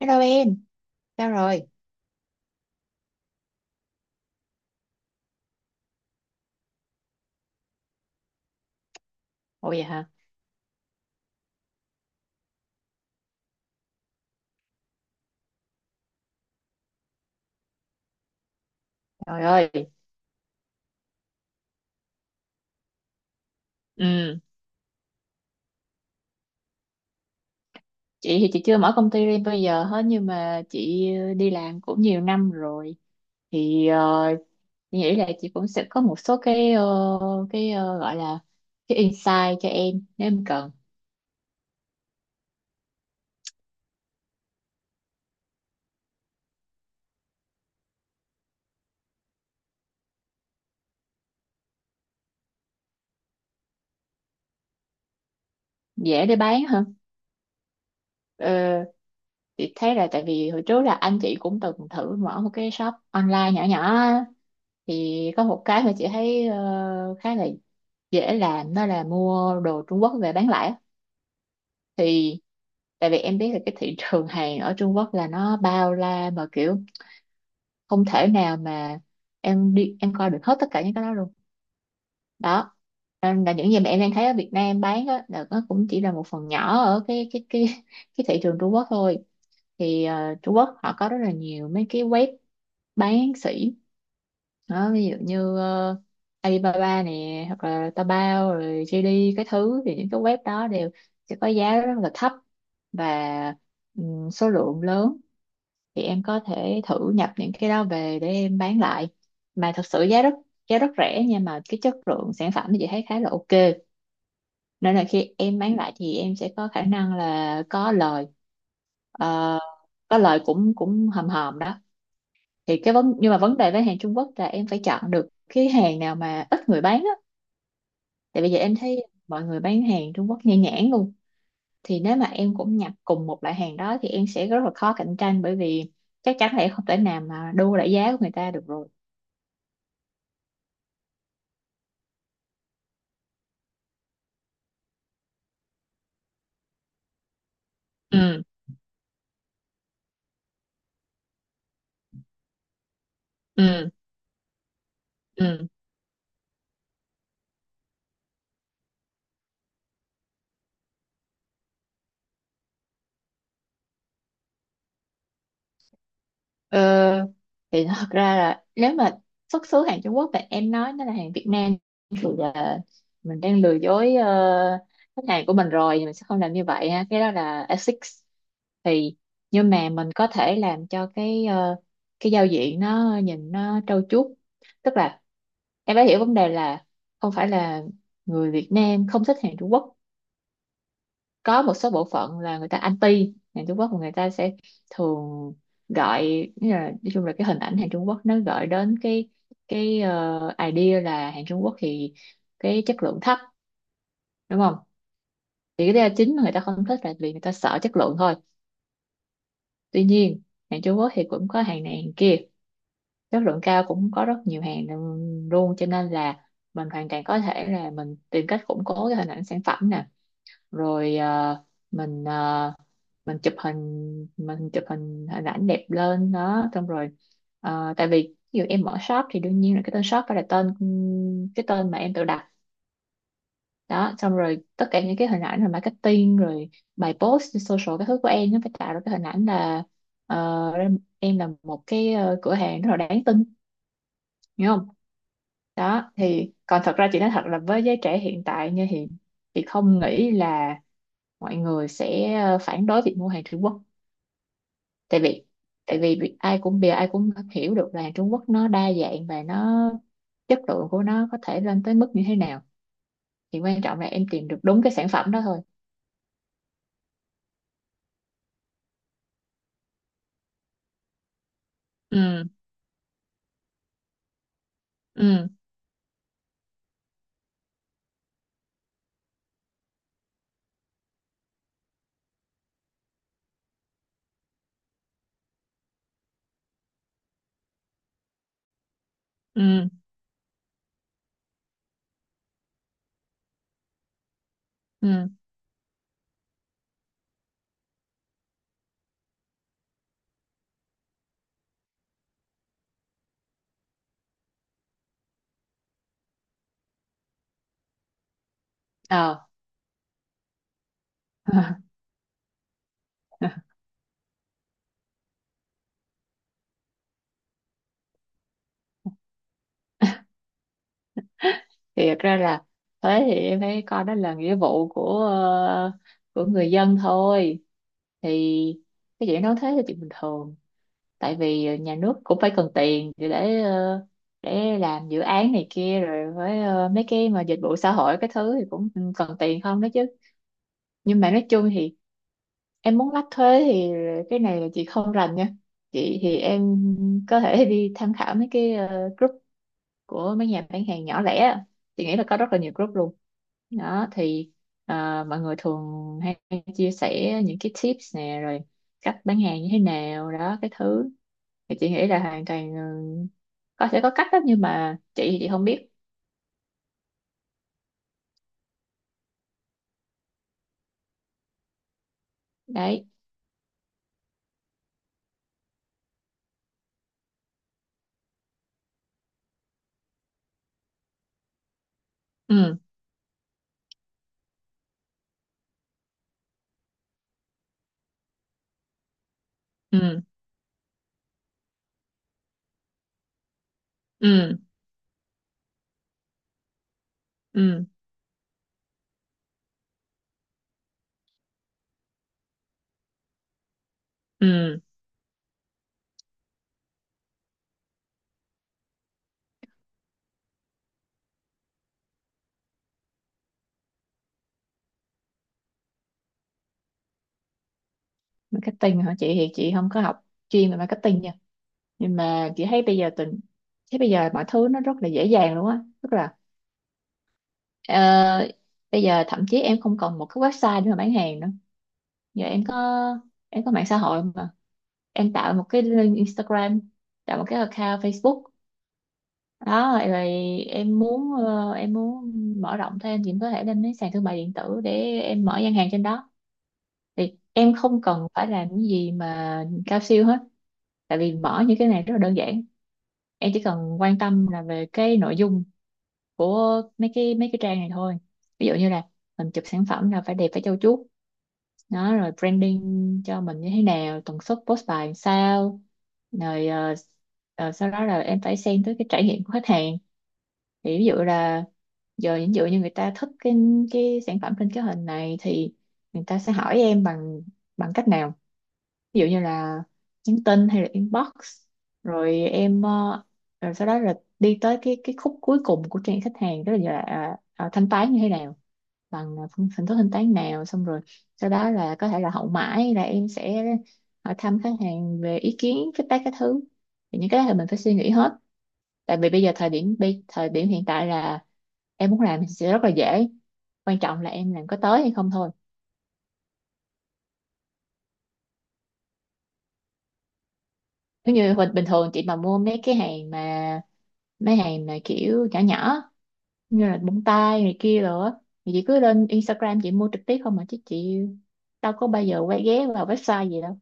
Hello em, sao rồi? Ồ vậy hả? Trời ơi, ừ, chị thì chị chưa mở công ty riêng bây giờ hết, nhưng mà chị đi làm cũng nhiều năm rồi thì chị nghĩ là chị cũng sẽ có một số cái gọi là cái insight cho em nếu em cần. Dễ để bán hả? Ờ, chị thấy là tại vì hồi trước là anh chị cũng từng thử mở một cái shop online nhỏ nhỏ á. Thì có một cái mà chị thấy khá là dễ làm, đó là mua đồ Trung Quốc về bán lẻ á. Thì tại vì em biết là cái thị trường hàng ở Trung Quốc là nó bao la, mà kiểu không thể nào mà em đi em coi được hết tất cả những cái đó luôn đó, nên là những gì mà em đang thấy ở Việt Nam bán á là nó cũng chỉ là một phần nhỏ ở cái thị trường Trung Quốc thôi. Thì Trung Quốc họ có rất là nhiều mấy cái web bán sỉ, đó ví dụ như Alibaba nè, hoặc là Taobao rồi JD cái thứ, thì những cái web đó đều sẽ có giá rất là thấp và số lượng lớn, thì em có thể thử nhập những cái đó về để em bán lại, mà thật sự giá rất rẻ, nhưng mà cái chất lượng sản phẩm thì chị thấy khá là ok, nên là khi em bán lại thì em sẽ có khả năng là có lời. Ờ, có lời cũng cũng hòm hòm đó. Thì cái vấn nhưng mà vấn đề với hàng Trung Quốc là em phải chọn được cái hàng nào mà ít người bán á, tại bây giờ em thấy mọi người bán hàng Trung Quốc nhan nhản luôn, thì nếu mà em cũng nhập cùng một loại hàng đó thì em sẽ rất là khó cạnh tranh, bởi vì chắc chắn là em không thể nào mà đua lại giá của người ta được rồi. Ừ, ừ, ừ. Ờ, thì thật ra là nếu mà xuất xứ hàng Trung Quốc thì em nói nó là hàng Việt Nam thì là mình đang lừa dối khách hàng của mình rồi, thì mình sẽ không làm như vậy ha, cái đó là ethics. Thì nhưng mà mình có thể làm cho cái giao diện nó nhìn nó trau chuốt, tức là em phải hiểu vấn đề là không phải là người Việt Nam không thích hàng Trung Quốc, có một số bộ phận là người ta anti hàng Trung Quốc, và người ta sẽ thường gọi, nghĩa là, nói chung là cái hình ảnh hàng Trung Quốc nó gợi đến cái idea là hàng Trung Quốc thì cái chất lượng thấp, đúng không? Thì cái lý do chính mà người ta không thích là vì người ta sợ chất lượng thôi, tuy nhiên hàng Trung Quốc thì cũng có hàng này hàng kia, chất lượng cao cũng có rất nhiều hàng luôn, cho nên là mình hoàn toàn có thể là mình tìm cách củng cố cái hình ảnh sản phẩm nè, rồi mình ờ, mình chụp hình, hình ảnh đẹp lên đó, xong rồi tại vì ví dụ em mở shop thì đương nhiên là cái tên shop phải là cái tên mà em tự đặt. Đó, xong rồi tất cả những cái hình ảnh rồi marketing rồi bài post trên social cái thứ của em nó phải tạo ra cái hình ảnh là ờ, em là một cửa hàng rất là đáng tin, hiểu không? Đó thì còn thật ra chị nói thật là với giới trẻ hiện tại như hiện, chị không nghĩ là mọi người sẽ phản đối việc mua hàng Trung Quốc, tại vì ai cũng hiểu được là Trung Quốc nó đa dạng, và nó chất lượng của nó có thể lên tới mức như thế nào, thì quan trọng là em tìm được đúng cái sản phẩm đó thôi. Ừ, ừ, ừ, ừ, ờ. Thì thật ra là, thế thì em thấy coi đó là nghĩa vụ của của người dân thôi, thì cái chuyện nói thế là chuyện bình thường, tại vì nhà nước cũng phải cần tiền để để làm dự án này kia rồi, với mấy cái mà dịch vụ xã hội cái thứ thì cũng ừ, cần tiền không đó chứ. Nhưng mà nói chung thì em muốn lách thuế thì cái này là chị không rành nha, chị thì em có thể đi tham khảo mấy cái group của mấy nhà bán hàng nhỏ lẻ á. Chị nghĩ là có rất là nhiều group luôn đó. Thì mọi người thường hay chia sẻ những cái tips nè, rồi cách bán hàng như thế nào đó cái thứ, thì chị nghĩ là hoàn toàn ừ, có, sẽ có cách đó, nhưng mà chị thì chị không biết. Đấy. Ừ, ừ, ừ, ừ, ừ. Marketing hả? Chị thì chị không có học chuyên về marketing nha, nhưng mà chị thấy bây giờ mọi thứ nó rất là dễ dàng luôn á, tức là ờ, bây giờ thậm chí em không cần một cái website để mà bán hàng nữa. Giờ em có, em có mạng xã hội mà, em tạo một cái link Instagram, tạo một cái account Facebook, đó rồi em muốn mở rộng thêm thì em có thể lên mấy sàn thương mại điện tử để em mở gian hàng trên đó, thì em không cần phải làm cái gì mà cao siêu hết, tại vì mở những cái này rất là đơn giản. Em chỉ cần quan tâm là về cái nội dung của mấy cái trang này thôi. Ví dụ như là mình chụp sản phẩm là phải đẹp phải trau chuốt, đó rồi branding cho mình như thế nào, tần suất post bài làm sao, rồi sau đó là em phải xem tới cái trải nghiệm của khách hàng, thì ví dụ là giờ ví dụ như người ta thích cái sản phẩm trên cái hình này thì người ta sẽ hỏi em bằng, cách nào, ví dụ như là nhắn tin hay là inbox, rồi em rồi sau đó là đi tới cái khúc cuối cùng của trang khách hàng đó là, thanh toán như thế nào, bằng hình thức thanh toán nào, xong rồi sau đó là có thể là hậu mãi, là em sẽ hỏi thăm khách hàng về ý kiến feedback các thứ, thì những cái đó là mình phải suy nghĩ hết, tại vì bây giờ thời điểm hiện tại là em muốn làm thì sẽ rất là dễ, quan trọng là em làm có tới hay không thôi. Nếu như bình bình thường chị mà mua mấy cái hàng mà, kiểu nhỏ nhỏ như là bông tai này kia rồi á, thì chị cứ lên Instagram chị mua trực tiếp không mà chứ, chị đâu có bao giờ quay ghé vào website gì đâu.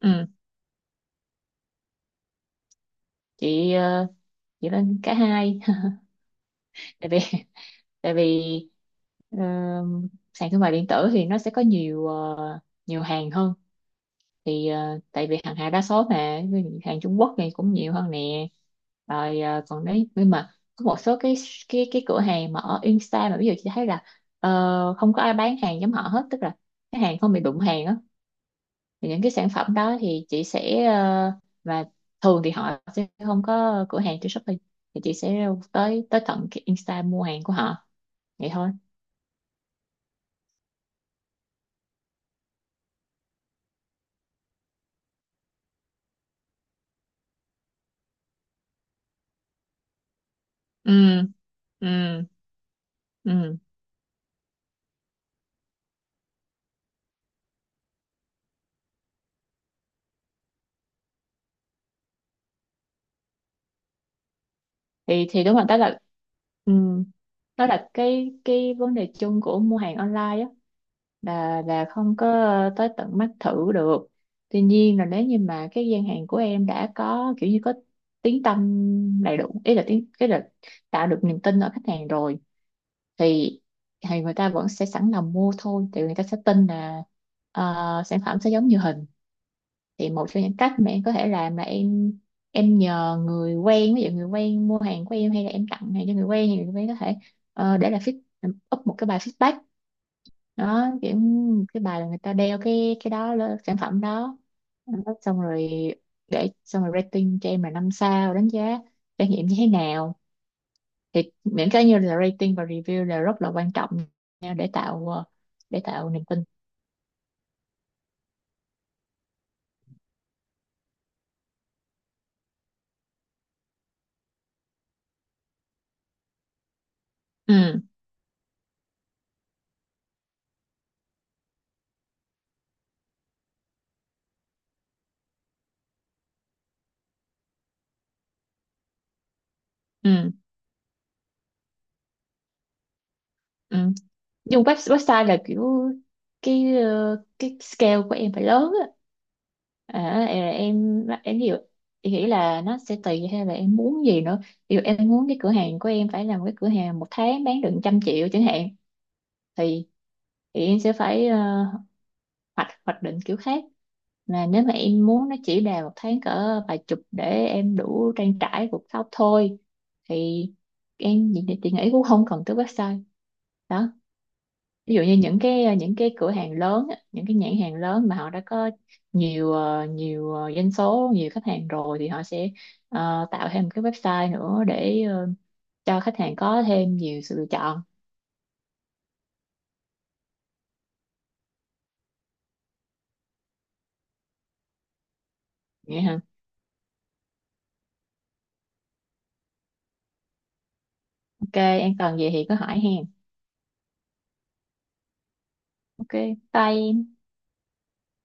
Ừ. Chị dựa lên cả hai. Tại vì tại vì ờ, sàn thương mại điện tử thì nó sẽ có nhiều nhiều hàng hơn, thì tại vì hàng Hà đa số mà ví dụ hàng Trung Quốc này cũng nhiều hơn nè, rồi còn đấy, nhưng mà có một số cái cửa hàng mà ở Insta, mà ví dụ chị thấy là không có ai bán hàng giống họ hết, tức là cái hàng không bị đụng hàng á, thì những cái sản phẩm đó thì chị sẽ và thường thì họ sẽ không có cửa hàng trên Shopee, thì chị sẽ tới tới tận cái Insta mua hàng của họ, vậy thôi. Ừ, ừ, ừ. Thì đúng rồi, đó là ừ, đó là cái vấn đề chung của mua hàng online á, là không có tới tận mắt thử được. Tuy nhiên là nếu như mà cái gian hàng của em đã có kiểu như có tiếng tăm đầy đủ, ý là tiếng cái là tạo được niềm tin ở khách hàng rồi, thì thì người ta vẫn sẽ sẵn lòng mua thôi, thì người ta sẽ tin là ờ, sản phẩm sẽ giống như hình. Thì một trong những cách mà em có thể làm là em nhờ người quen, ví dụ người quen mua hàng của em hay là em tặng hàng cho người quen thì người quen có thể để là up một cái bài feedback, đó kiểu cái bài là người ta đeo cái đó lên sản phẩm đó. Đó, xong rồi để, xong rồi rating cho em là 5 sao, đánh giá trải nghiệm như thế nào, thì những cái như là rating và review là rất là quan trọng nha, để tạo để tạo niềm tin. Ừ, ừ, ừ. Nhưng website là kiểu cái scale của em phải lớn á. Ví dụ em nghĩ là nó sẽ tùy hay là em muốn gì nữa, ví dụ em muốn cái cửa hàng của em phải làm cái cửa hàng một tháng bán được 100 triệu chẳng hạn, thì thì em sẽ phải hoạch hoạch định kiểu khác. Là nếu mà em muốn nó chỉ đà một tháng cỡ vài chục để em đủ trang trải cuộc sống thôi, thì chị nghĩ cũng không cần tới website đó. Ví dụ như những cái cửa hàng lớn á, những cái nhãn hàng lớn mà họ đã có nhiều doanh số, nhiều khách hàng rồi, thì họ sẽ tạo thêm một cái website nữa để cho khách hàng có thêm nhiều sự lựa chọn. Vậy hả? Ok, em cần gì thì cứ hỏi hàng. Ok, bye em.